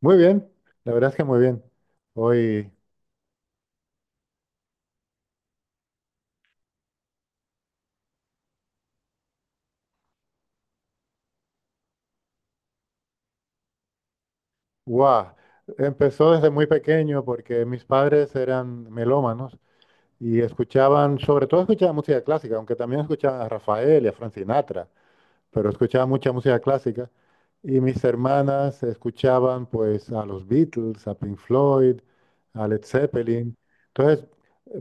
Muy bien, la verdad es que muy bien. Hoy, wow, empezó desde muy pequeño porque mis padres eran melómanos y sobre todo escuchaban música clásica, aunque también escuchaban a Rafael y a Frank Sinatra, pero escuchaban mucha música clásica. Y mis hermanas escuchaban pues a los Beatles, a Pink Floyd, a Led Zeppelin. Entonces,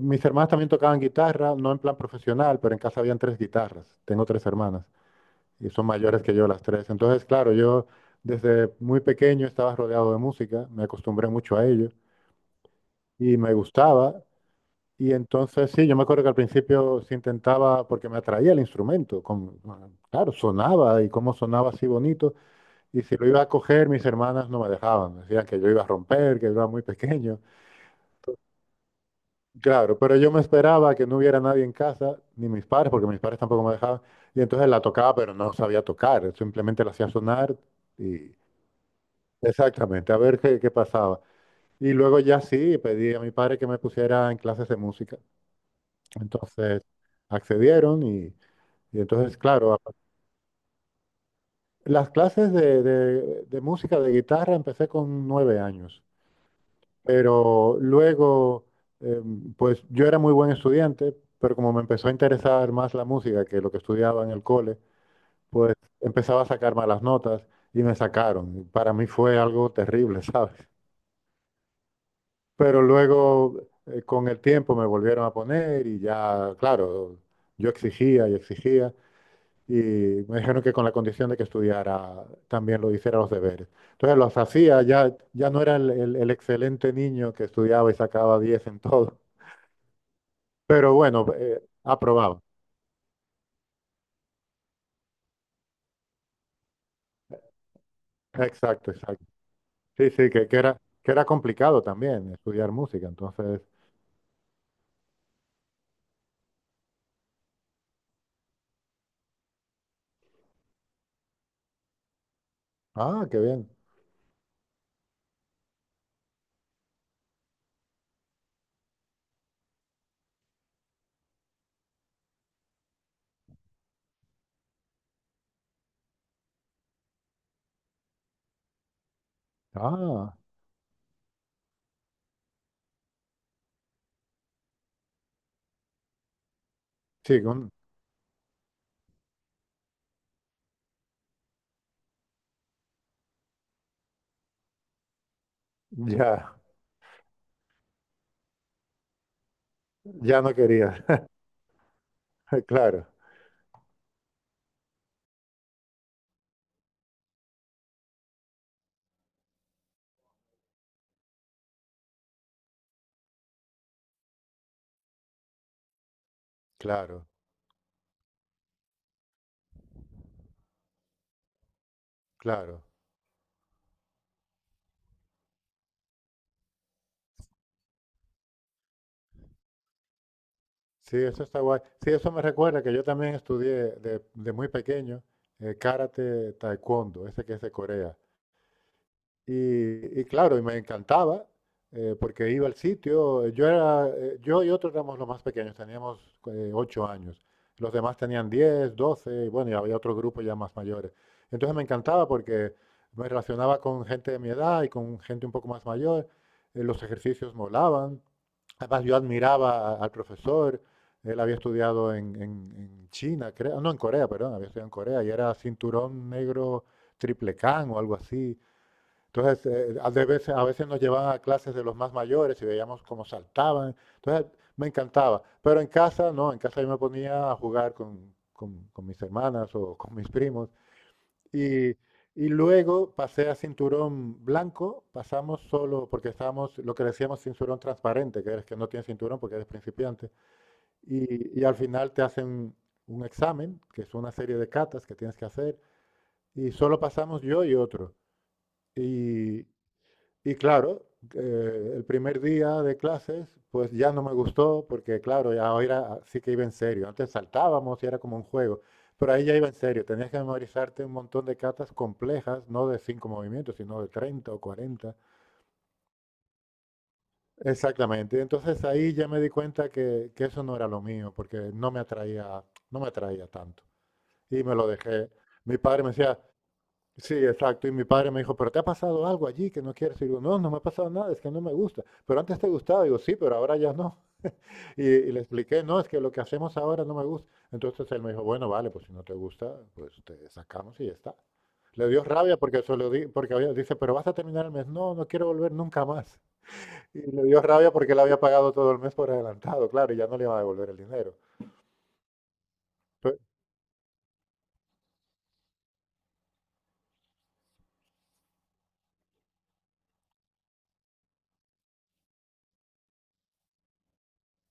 mis hermanas también tocaban guitarra, no en plan profesional, pero en casa habían tres guitarras. Tengo tres hermanas. Y son mayores que yo las tres. Entonces, claro, yo desde muy pequeño estaba rodeado de música, me acostumbré mucho a ello y me gustaba. Y entonces, sí, yo me acuerdo que al principio se intentaba, porque me atraía el instrumento, ah, claro, sonaba y cómo sonaba así bonito. Y si lo iba a coger, mis hermanas no me dejaban, decían que yo iba a romper, que yo era muy pequeño. Claro, pero yo me esperaba que no hubiera nadie en casa, ni mis padres, porque mis padres tampoco me dejaban. Y entonces la tocaba, pero no sabía tocar, simplemente la hacía sonar y, exactamente, a ver qué pasaba. Y luego ya sí, pedí a mi padre que me pusiera en clases de música. Entonces accedieron y entonces, claro, las clases de, de música, de guitarra, empecé con 9 años. Pero luego, eh, pues yo era muy buen estudiante, pero como me empezó a interesar más la música que lo que estudiaba en el cole, pues empezaba a sacar malas notas y me sacaron. Para mí fue algo terrible, ¿sabes? Pero luego, con el tiempo, me volvieron a poner y ya, claro, yo exigía y exigía y me dijeron que con la condición de que estudiara también lo hiciera los deberes. Entonces los hacía, ya, ya no era el excelente niño que estudiaba y sacaba 10 en todo, pero bueno, aprobaba. Exacto, exacto. Sí, sí, que era, que era complicado también estudiar música, entonces, ah, qué bien. Ah, sí, ya, ya no quería. Claro, claro. Claro, sí, eso está guay. Sí, eso me recuerda que yo también estudié de muy pequeño karate taekwondo, ese que es de Corea. Y claro, y me encantaba porque iba al sitio. Yo y otros éramos los más pequeños, teníamos 8 años. Los demás tenían 10, 12. Y bueno, y había otro grupo ya más mayores. Entonces me encantaba porque me relacionaba con gente de mi edad y con gente un poco más mayor. Los ejercicios molaban. Además, yo admiraba al profesor, él había estudiado en, en China, creo, no, en Corea, perdón, había estudiado en Corea y era cinturón negro triple can o algo así. Entonces, a veces nos llevaban a clases de los más mayores y veíamos cómo saltaban. Entonces, me encantaba. Pero en casa, no, en casa yo me ponía a jugar con, con mis hermanas o con mis primos y, y luego pasé a cinturón blanco, pasamos solo, porque estábamos, lo que decíamos, cinturón transparente, que eres que no tienes cinturón porque eres principiante. Y al final te hacen un examen, que es una serie de catas que tienes que hacer, y solo pasamos yo y otro. Y, y claro, el primer día de clases, pues ya no me gustó, porque claro, ya ahora sí que iba en serio. Antes saltábamos y era como un juego, pero ahí ya iba en serio. Tenías que memorizarte un montón de catas complejas, no de cinco movimientos, sino de 30 o 40. Exactamente. Entonces ahí ya me di cuenta que eso no era lo mío, porque no me atraía, no me atraía tanto. Y me lo dejé. Mi padre me decía, sí, exacto. Y mi padre me dijo, ¿pero te ha pasado algo allí que no quieres? Y digo, no, no me ha pasado nada, es que no me gusta. Pero antes te gustaba. Digo, sí, pero ahora ya no. Y, y le expliqué, no, es que lo que hacemos ahora no me gusta. Entonces él me dijo, bueno, vale, pues si no te gusta, pues te sacamos y ya está. Le dio rabia porque se lo porque había, dice, pero vas a terminar el mes. No, no quiero volver nunca más. Y le dio rabia porque él había pagado todo el mes por adelantado, claro, y ya no le iba a devolver el dinero. Pe-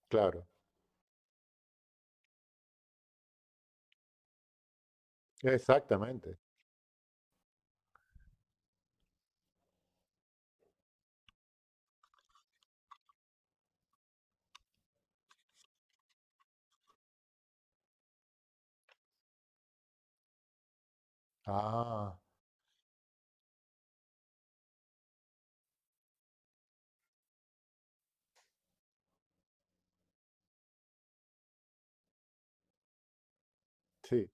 claro, exactamente. Ah, sí,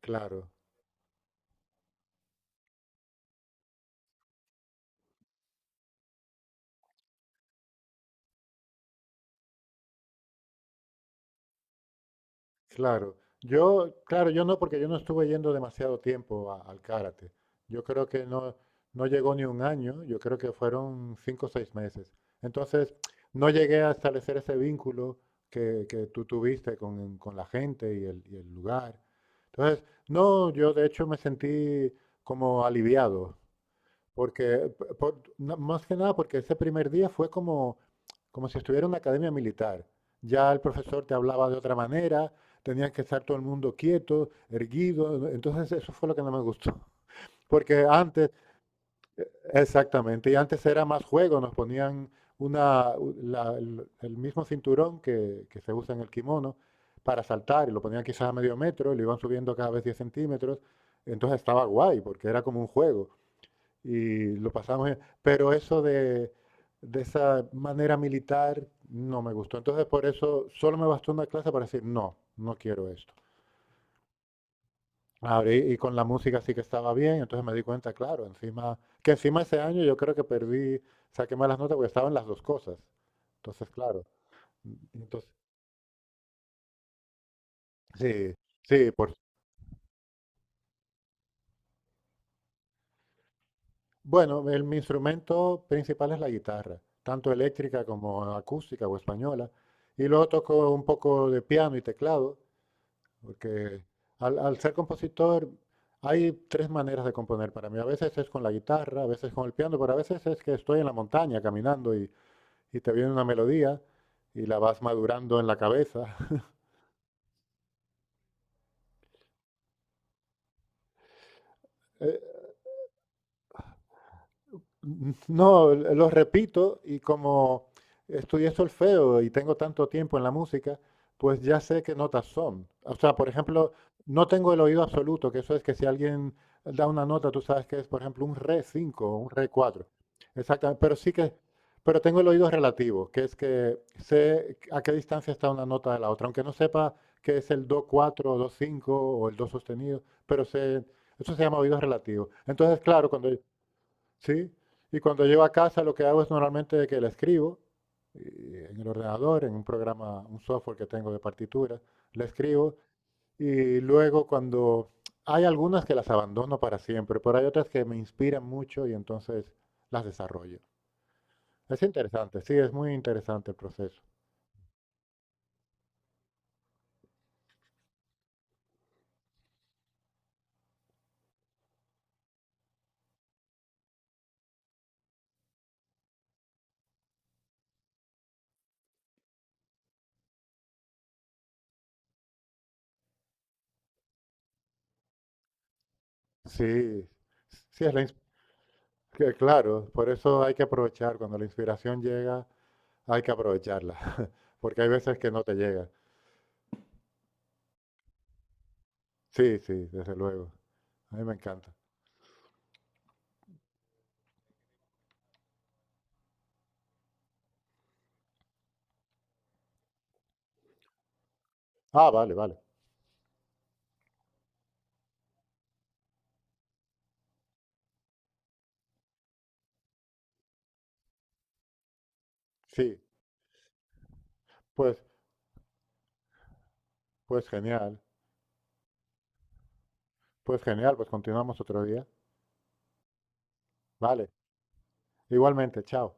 claro. Claro, yo, claro, yo no, porque yo no estuve yendo demasiado tiempo al karate. Yo creo que no, no llegó ni un año, yo creo que fueron 5 o 6 meses. Entonces, no llegué a establecer ese vínculo que tú tuviste con la gente y el lugar. Entonces, no, yo de hecho me sentí como aliviado porque, más que nada, porque ese primer día fue como, como si estuviera en una academia militar. Ya el profesor te hablaba de otra manera, tenías que estar todo el mundo quieto, erguido. Entonces eso fue lo que no me gustó. Porque antes, exactamente, y antes era más juego, nos ponían una, u- la- el mismo cinturón que se usa en el kimono para saltar, y lo ponían quizás a medio metro, y lo iban subiendo cada vez 10 centímetros. Entonces estaba guay, porque era como un juego y lo pasamos bien. Pero eso de esa manera militar no me gustó. Entonces, por eso solo me bastó una clase para decir, no, no quiero esto. Ahora, y con la música sí que estaba bien, entonces me di cuenta, claro, encima, que encima ese año yo creo que perdí, saqué malas notas porque estaban las dos cosas. Entonces, claro, entonces, sí, sí, bueno, mi instrumento principal es la guitarra, tanto eléctrica como acústica o española, y luego toco un poco de piano y teclado. Porque al ser compositor hay tres maneras de componer para mí. A veces es con la guitarra, a veces con el piano, pero a veces es que estoy en la montaña caminando y te viene una melodía y la vas madurando en la cabeza. Eh, no, lo repito y como estudié solfeo y tengo tanto tiempo en la música, pues ya sé qué notas son. O sea, por ejemplo, no tengo el oído absoluto, que eso es que si alguien da una nota, tú sabes que es, por ejemplo, un re 5 o un re 4. Exactamente, pero sí pero tengo el oído relativo, que es que sé a qué distancia está una nota de la otra, aunque no sepa que es el do 4 o do 5 o el do sostenido, pero sé, eso se llama oído relativo. Entonces, claro, cuando, sí, y cuando llego a casa lo que hago es normalmente que la escribo y en el ordenador, en un programa, un software que tengo de partituras, la escribo y luego cuando hay algunas que las abandono para siempre, pero hay otras que me inspiran mucho y entonces las desarrollo. Es interesante, sí, es muy interesante el proceso. Sí, sí, es la que claro, por eso hay que aprovechar, cuando la inspiración llega, hay que aprovecharla, porque hay veces que no te llega. Sí, sí, desde luego, a mí me encanta. Ah, vale, vale. Sí, pues, pues genial. Pues genial, pues continuamos otro día. Vale, igualmente, chao.